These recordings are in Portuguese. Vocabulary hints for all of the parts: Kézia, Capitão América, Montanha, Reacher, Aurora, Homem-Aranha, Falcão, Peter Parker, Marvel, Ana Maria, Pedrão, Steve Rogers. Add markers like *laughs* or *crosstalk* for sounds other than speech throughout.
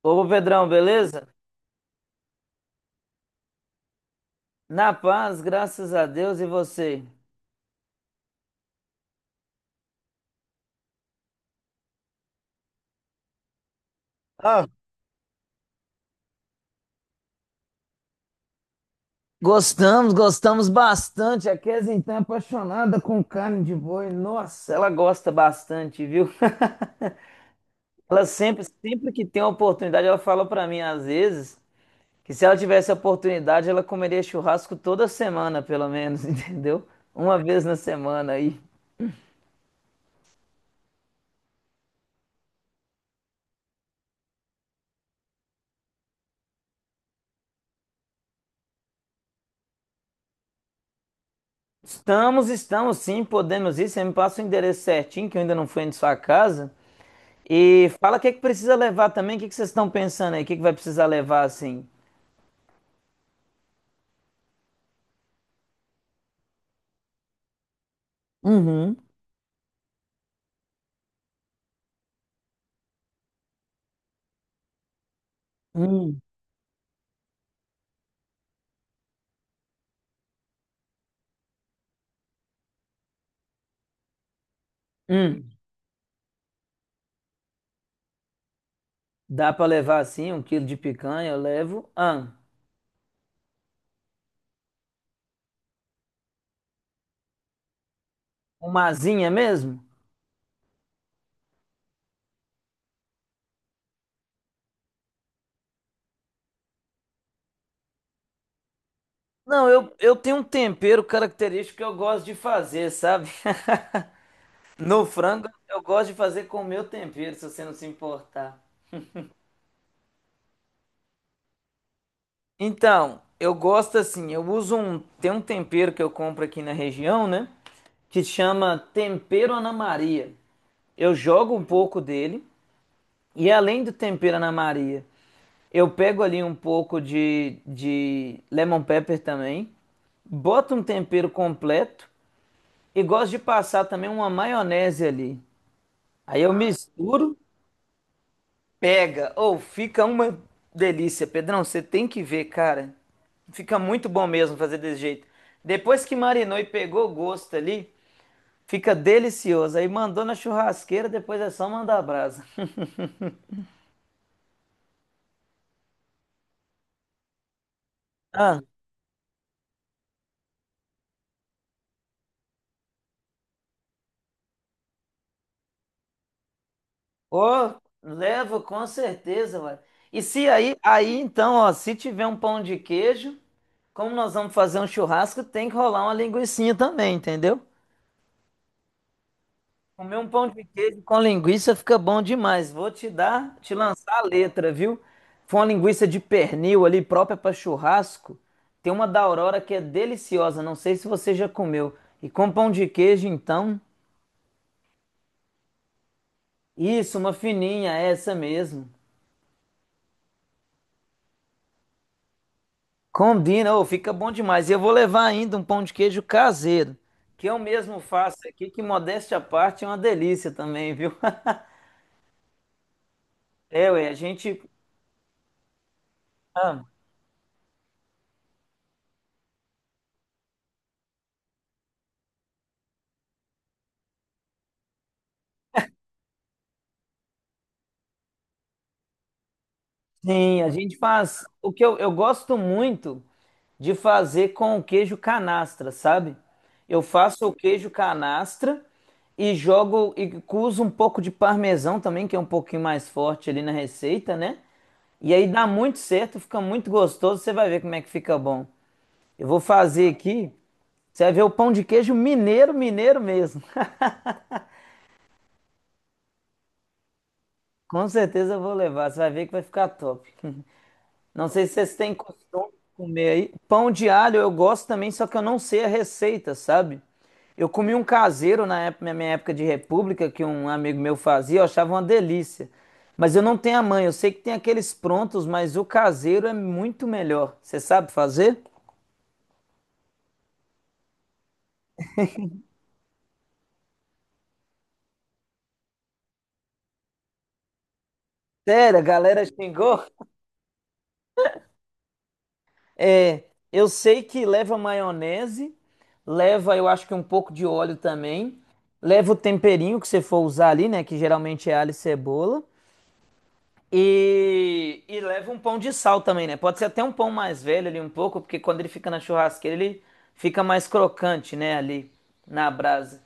Ô Pedrão, beleza? Na paz, graças a Deus e você? Ah, gostamos, gostamos bastante. A Kézia então é apaixonada com carne de boi. Nossa, ela gosta bastante, viu? *laughs* Ela sempre, sempre que tem uma oportunidade, ela fala pra mim às vezes que se ela tivesse a oportunidade, ela comeria churrasco toda semana, pelo menos, *laughs* entendeu? Uma vez na semana aí. Estamos, estamos sim, podemos ir. Você me passa o endereço certinho, que eu ainda não fui em sua casa. E fala o que é que precisa levar também, o que é que vocês estão pensando aí? O que é que vai precisar levar assim? Uhum. Hum. Hum, dá para levar assim um quilo de picanha, eu levo. Ah, uma asinha mesmo? Não, eu tenho um tempero característico que eu gosto de fazer, sabe? *laughs* No frango, eu gosto de fazer com o meu tempero, se você não se importar. Então, eu gosto assim, eu uso tem um tempero que eu compro aqui na região, né? Que chama tempero Ana Maria. Eu jogo um pouco dele. E além do tempero Ana Maria, eu pego ali um pouco de lemon pepper também. Boto um tempero completo e gosto de passar também uma maionese ali. Aí eu misturo, pega. Ou fica uma delícia. Pedrão, você tem que ver, cara. Fica muito bom mesmo fazer desse jeito. Depois que marinou e pegou o gosto ali, fica delicioso. Aí mandou na churrasqueira, depois é só mandar a brasa. *laughs* Ah. Ô, levo com certeza, ué. E se aí, aí então, ó, se tiver um pão de queijo, como nós vamos fazer um churrasco, tem que rolar uma linguicinha também, entendeu? Comer um pão de queijo com linguiça fica bom demais. Vou te dar, te lançar a letra, viu? Foi uma linguiça de pernil ali própria para churrasco. Tem uma da Aurora que é deliciosa, não sei se você já comeu. E com pão de queijo, então, isso, uma fininha, é essa mesmo. Combina, ô, fica bom demais. E eu vou levar ainda um pão de queijo caseiro, que eu mesmo faço aqui, que modéstia à parte é uma delícia também, viu? *laughs* É, ué, a gente. Ah, sim, a gente faz. O que eu gosto muito de fazer com o queijo canastra, sabe? Eu faço o queijo canastra e jogo e uso um pouco de parmesão também, que é um pouquinho mais forte ali na receita, né? E aí dá muito certo, fica muito gostoso. Você vai ver como é que fica bom. Eu vou fazer aqui. Você vai ver o pão de queijo mineiro, mineiro mesmo. *laughs* Com certeza eu vou levar. Você vai ver que vai ficar top. Não sei se vocês têm costume de comer aí. Pão de alho eu gosto também, só que eu não sei a receita, sabe? Eu comi um caseiro na época- na minha época de república, que um amigo meu fazia, eu achava uma delícia. Mas eu não tenho a mãe, eu sei que tem aqueles prontos, mas o caseiro é muito melhor. Você sabe fazer? Sério, a galera xingou? É, eu sei que leva maionese, leva, eu acho que um pouco de óleo também, leva o temperinho que você for usar ali, né, que geralmente é alho e cebola, e leva um pão de sal também, né? Pode ser até um pão mais velho ali um pouco, porque quando ele fica na churrasqueira ele fica mais crocante, né, ali na brasa.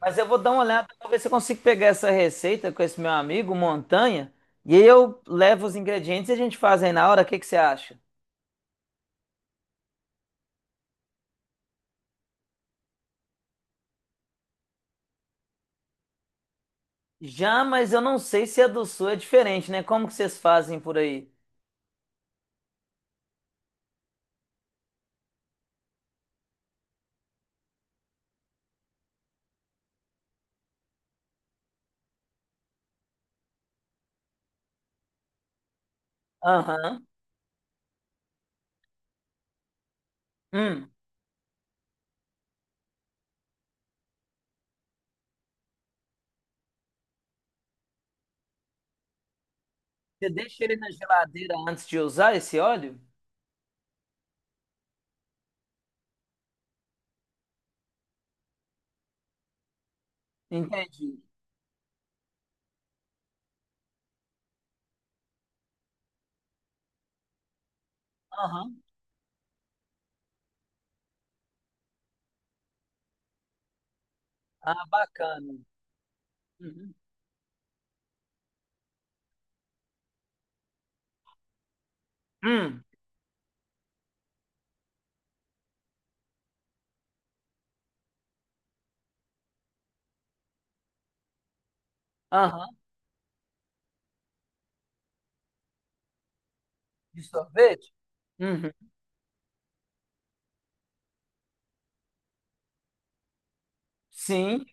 Mas eu vou dar uma olhada para ver se eu consigo pegar essa receita com esse meu amigo, Montanha, e aí eu levo os ingredientes e a gente faz aí na hora, o que que você acha? Já, mas eu não sei se a do sul é diferente, né? Como que vocês fazem por aí? Aham. Hum. Você deixa ele na geladeira antes de usar esse óleo? Entendi. Aham. Ah, bacana. Uhum. Hum. Aham. De sorvete? Uhum. Sim.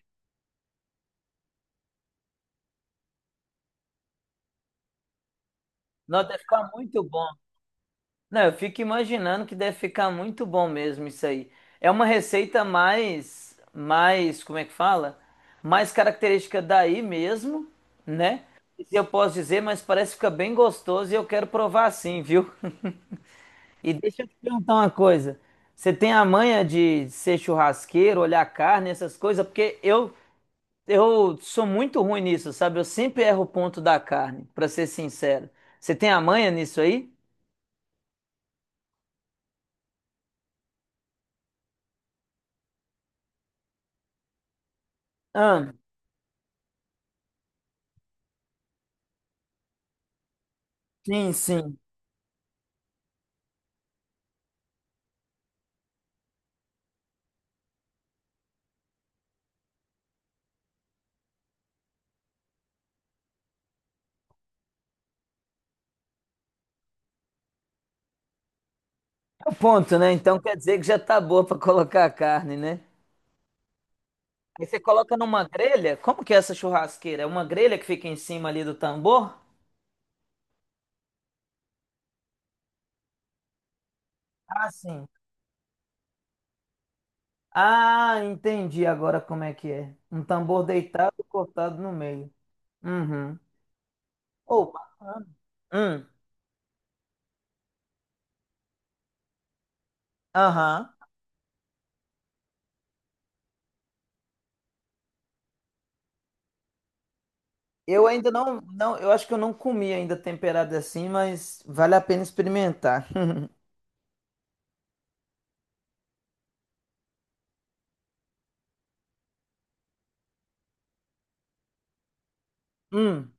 Nota deve ficar muito bom. Não, eu fico imaginando que deve ficar muito bom mesmo isso aí. É uma receita mais, como é que fala? Mais característica daí mesmo, né? Isso eu posso dizer, mas parece que fica bem gostoso e eu quero provar sim, viu? *laughs* E deixa eu te perguntar uma coisa. Você tem a manha de ser churrasqueiro, olhar carne, essas coisas? Porque eu sou muito ruim nisso, sabe? Eu sempre erro o ponto da carne, pra ser sincero. Você tem a manha nisso aí? Ah, sim, sim. O ponto, né? Então quer dizer que já tá boa pra colocar a carne, né? Aí você coloca numa grelha. Como que é essa churrasqueira? É uma grelha que fica em cima ali do tambor? Ah, sim. Ah, entendi agora como é que é. Um tambor deitado cortado no meio. Uhum. Oh, bacana. Hum, aham. Eu ainda não, não, eu acho que eu não comi ainda temperado assim, mas vale a pena experimentar. *laughs* Hum,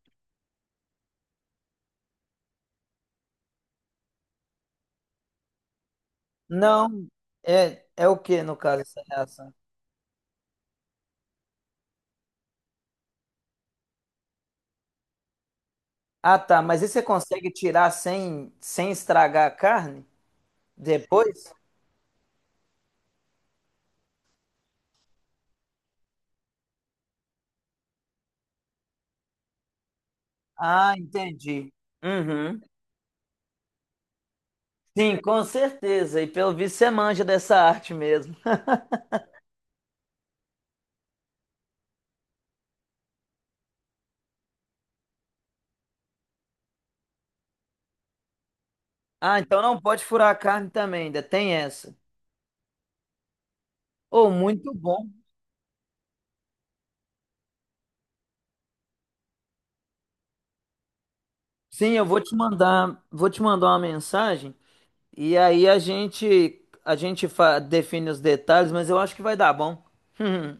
não, é o que no caso essa reação? Ah, tá. Mas e você consegue tirar sem estragar a carne depois? Ah, entendi. Uhum. Sim, com certeza. E pelo visto você manja dessa *laughs* arte mesmo. Ah, então não pode furar a carne também, ainda tem essa. Oh, muito bom. Sim, eu vou te mandar uma mensagem e aí a gente define os detalhes, mas eu acho que vai dar bom. *laughs*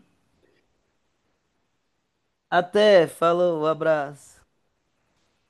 Até, falou, abraço.